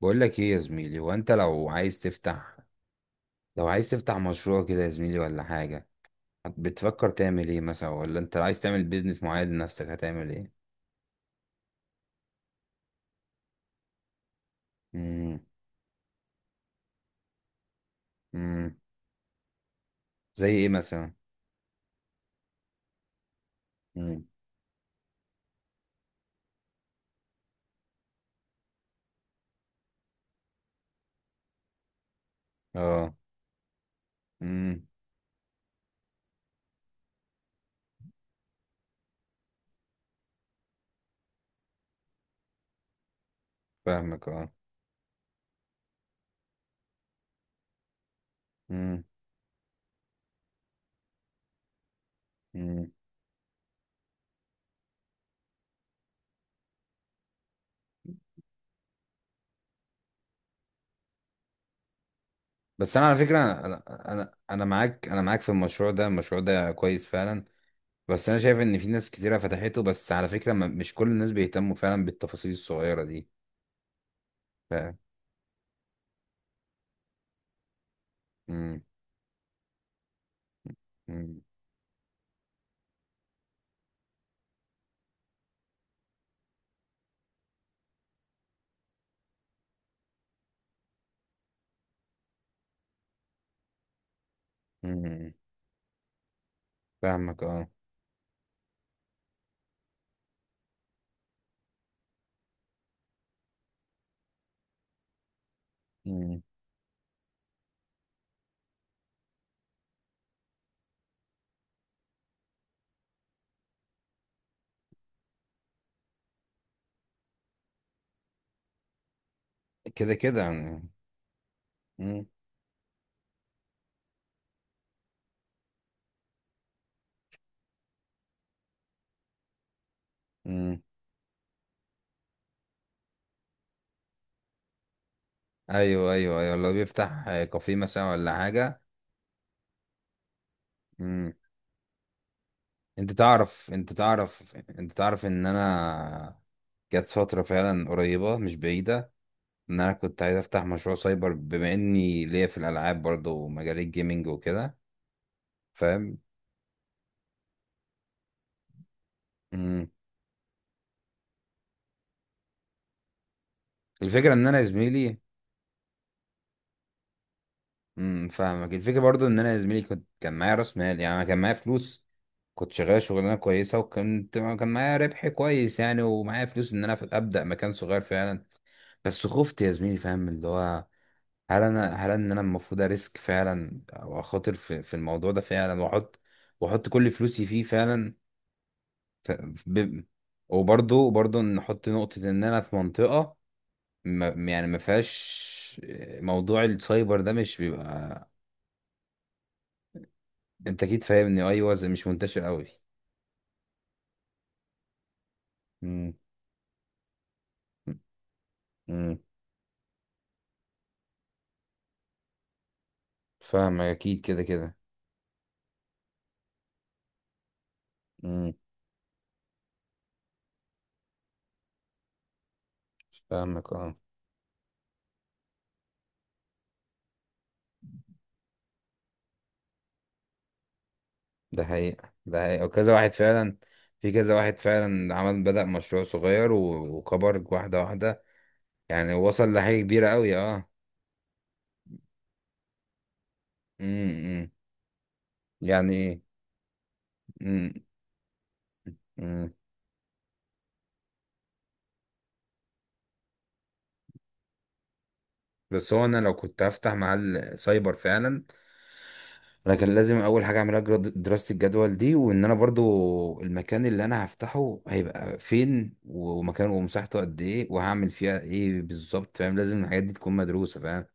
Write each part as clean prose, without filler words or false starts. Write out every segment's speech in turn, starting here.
بقول لك ايه يا زميلي؟ هو انت لو عايز تفتح مشروع كده يا زميلي ولا حاجة؟ بتفكر تعمل ايه مثلا، ولا انت عايز تعمل بيزنس معين لنفسك؟ هتعمل ايه؟ امم. امم. زي ايه مثلا؟ امم. اه. امم. فاهمك، اه. امم. امم. بس انا على فكرة انا معاك، انا معاك في المشروع ده كويس فعلا. بس انا شايف ان في ناس كتيرة فتحته، بس على فكرة مش كل الناس بيهتموا فعلا بالتفاصيل الصغيرة دي. فاهم. امم. امم. امم. فاهمك، اه. مم. كده كده يعني. مم. مم. ايوه ايوه ايوه. لو بيفتح كافيه مثلا ولا حاجه. مم. انت تعرف ان انا جت فتره فعلا قريبه مش بعيده، ان انا كنت عايز افتح مشروع سايبر، بما اني ليا في الالعاب برضه ومجال الجيمنج وكده. فاهم. مم. الفكره ان انا يا زميلي. امم. فاهمك. الفكره برضو ان انا يا زميلي كان معايا راس مال، يعني انا كان معايا فلوس. كنت شغال شغلانه كويسه، وكنت كان معايا ربح كويس يعني، ومعايا فلوس ان انا ابدا مكان صغير فعلا. بس خفت يا زميلي، فاهم؟ اللي هو، هل ان انا المفروض اريسك فعلا، او اخاطر في الموضوع ده فعلا، واحط كل فلوسي فيه فعلا. ف... ب... وبرضو نحط نقطه، ان انا في منطقه ما، يعني ما فيهاش موضوع السايبر ده، مش بيبقى. انت اكيد فاهمني؟ ايوه، زي مش منتشر قوي. امم. امم، فاهمك، اكيد كده كده. امم. فاهمك، اه. ده حقيقة، وكذا واحد فعلا. في كذا واحد فعلا عمل، بدأ مشروع صغير وكبر واحدة واحدة، يعني وصل لحاجة كبيرة قوي، اه. امم. يعني ايه؟ امم. بس هو انا لو كنت هفتح محل سايبر فعلا، انا كان لازم اول حاجه اعملها دراسه الجدول دي، وان انا برضو المكان اللي انا هفتحه هيبقى فين، ومكانه، ومساحته قد ايه، وهعمل فيها ايه بالظبط، فاهم؟ لازم الحاجات دي تكون مدروسه، فاهم؟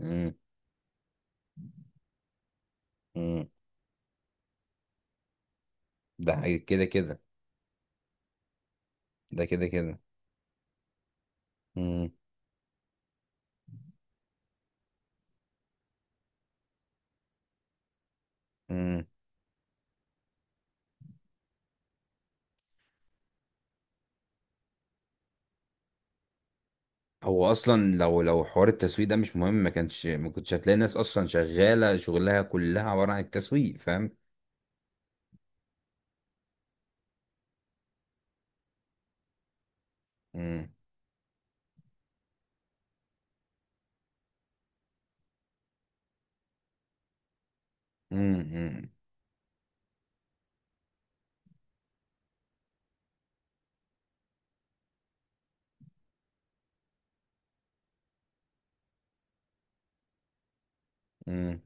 امم. امم. ده حاجة كده كده. ده كده كده. امم. امم. هو اصلا لو حوار التسويق ده مش مهم، ما كنتش هتلاقي ناس اصلا شغاله شغلها كلها عباره عن التسويق، فاهم؟ امم. امم. امم.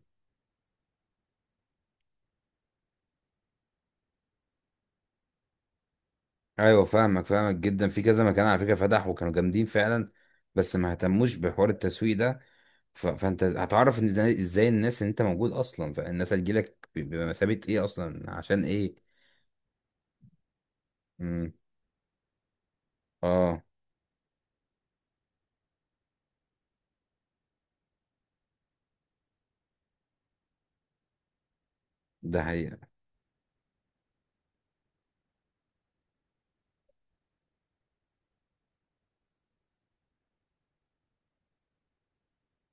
ايوه فاهمك، فاهمك جدا. في كذا مكان على فكره فتح وكانوا جامدين فعلا، بس ما اهتموش بحوار التسويق ده. فانت هتعرف ان ازاي، الناس ان انت موجود اصلا، فالناس هتجيلك بمثابه ايه اصلا، عشان ايه. امم. اه. ده حقيقه.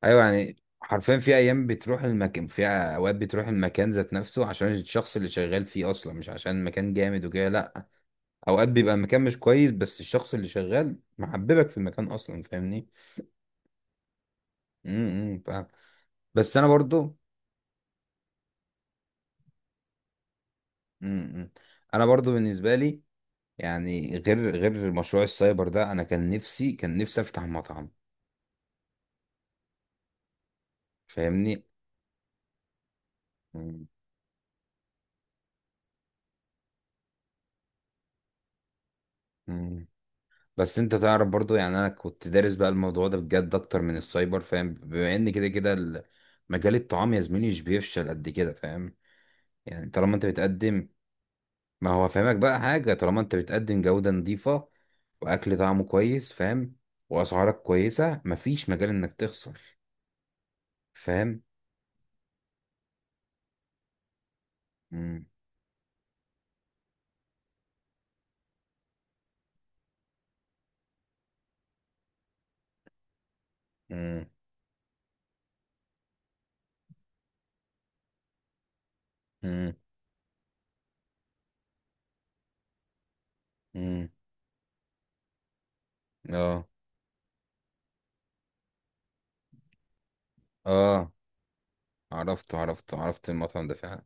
ايوه يعني. حرفيا في ايام بتروح المكان، في اوقات بتروح المكان ذات نفسه عشان الشخص اللي شغال فيه اصلا، مش عشان المكان جامد وكده، لا. اوقات بيبقى المكان مش كويس، بس الشخص اللي شغال محببك في المكان اصلا، فاهمني؟ امم. أمم، فاهم. بس انا برضو. امم. امم. انا برضو بالنسبه لي، يعني غير مشروع السايبر ده، انا كان نفسي افتح مطعم، فاهمني. مم. مم. بس انت تعرف برضو، يعني انا كنت دارس بقى الموضوع ده بجد اكتر من السايبر، فاهم؟ بما ان كده كده مجال الطعام يا زميلي مش بيفشل قد كده، فاهم؟ يعني طالما انت بتقدم. ما هو فاهمك بقى، حاجه طالما انت بتقدم جوده نظيفه، واكل طعمه كويس، فاهم؟ واسعارك كويسه، مفيش مجال انك تخسر، فاهم. مم. مم. مم. امم. اه. اه، عرفته عرفت المطعم ده فعلا.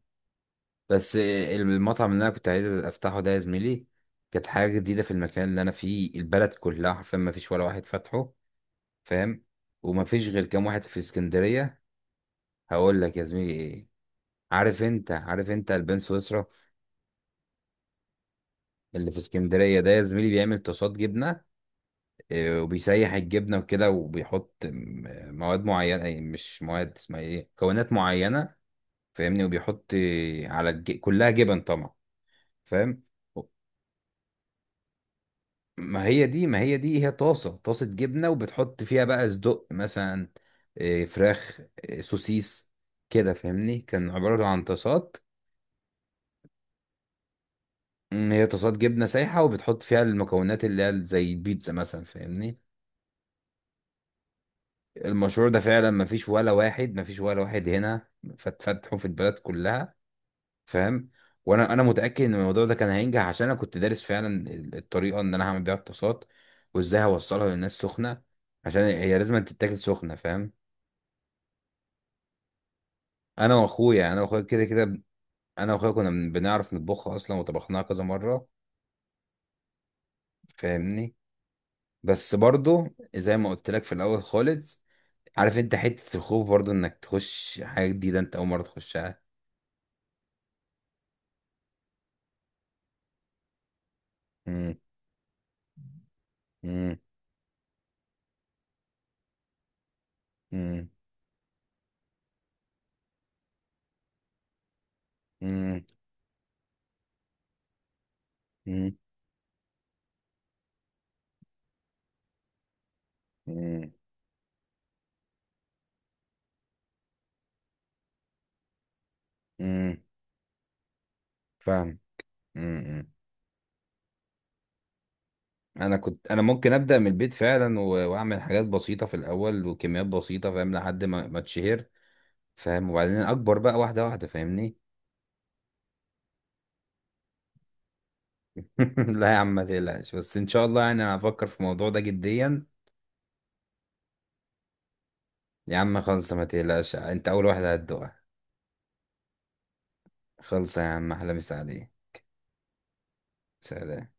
بس المطعم اللي انا كنت عايز افتحه ده يا زميلي، كانت حاجه جديده في المكان اللي انا فيه. البلد كلها حرفيا ما فيش ولا واحد فاتحه، فاهم. وما فيش غير كام واحد في اسكندريه. هقول لك يا زميلي ايه، عارف انت البان سويسرا اللي في اسكندريه ده يا زميلي، بيعمل طاسات جبنه، وبيسيح الجبنه وكده، وبيحط مواد معينه، أي مش مواد، اسمها ايه، مكونات معينه، فاهمني؟ وبيحط على كلها جبن طبعا، فاهم. ما هي دي هي طاسة جبنة، وبتحط فيها بقى صدق مثلا فراخ، سوسيس، كده فاهمني. كان عبارة عن طاسات. مم، هي طاسات جبنة سايحة، وبتحط فيها المكونات اللي هي زي البيتزا مثلا، فاهمني. المشروع ده فعلا ما فيش ولا واحد، ما فيش ولا واحد هنا، فتفتحه في البلد كلها، فاهم. وانا متاكد ان الموضوع ده كان هينجح، عشان انا كنت دارس فعلا الطريقه ان انا هعمل بيها الطاسات، وازاي هوصلها للناس سخنه، عشان هي لازم تتاكل سخنه، فاهم. انا واخويا كده كده، انا واخويا كنا بنعرف نطبخها اصلا، وطبخناها كذا مره، فاهمني. بس برضو زي ما قلت لك في الاول خالص، عارف انت حته الخوف برضو انك تخش حاجه جديده انت اول مره تخشها. مم، مم، مم، مم، مم، مم، مم. فاهم. انا ممكن ابدا من البيت فعلا، واعمل حاجات بسيطه في الاول وكميات بسيطه، فاهم؟ لحد ما اتشهر، فاهم. وبعدين اكبر بقى واحده واحده، فاهمني. لا يا عم ما تقلقش، بس ان شاء الله يعني انا هفكر في الموضوع ده جديا. يا عم خلص ما تقلقش، انت اول واحده هتدوقها. خلص يا عم، احلى مسا عليه. سلام.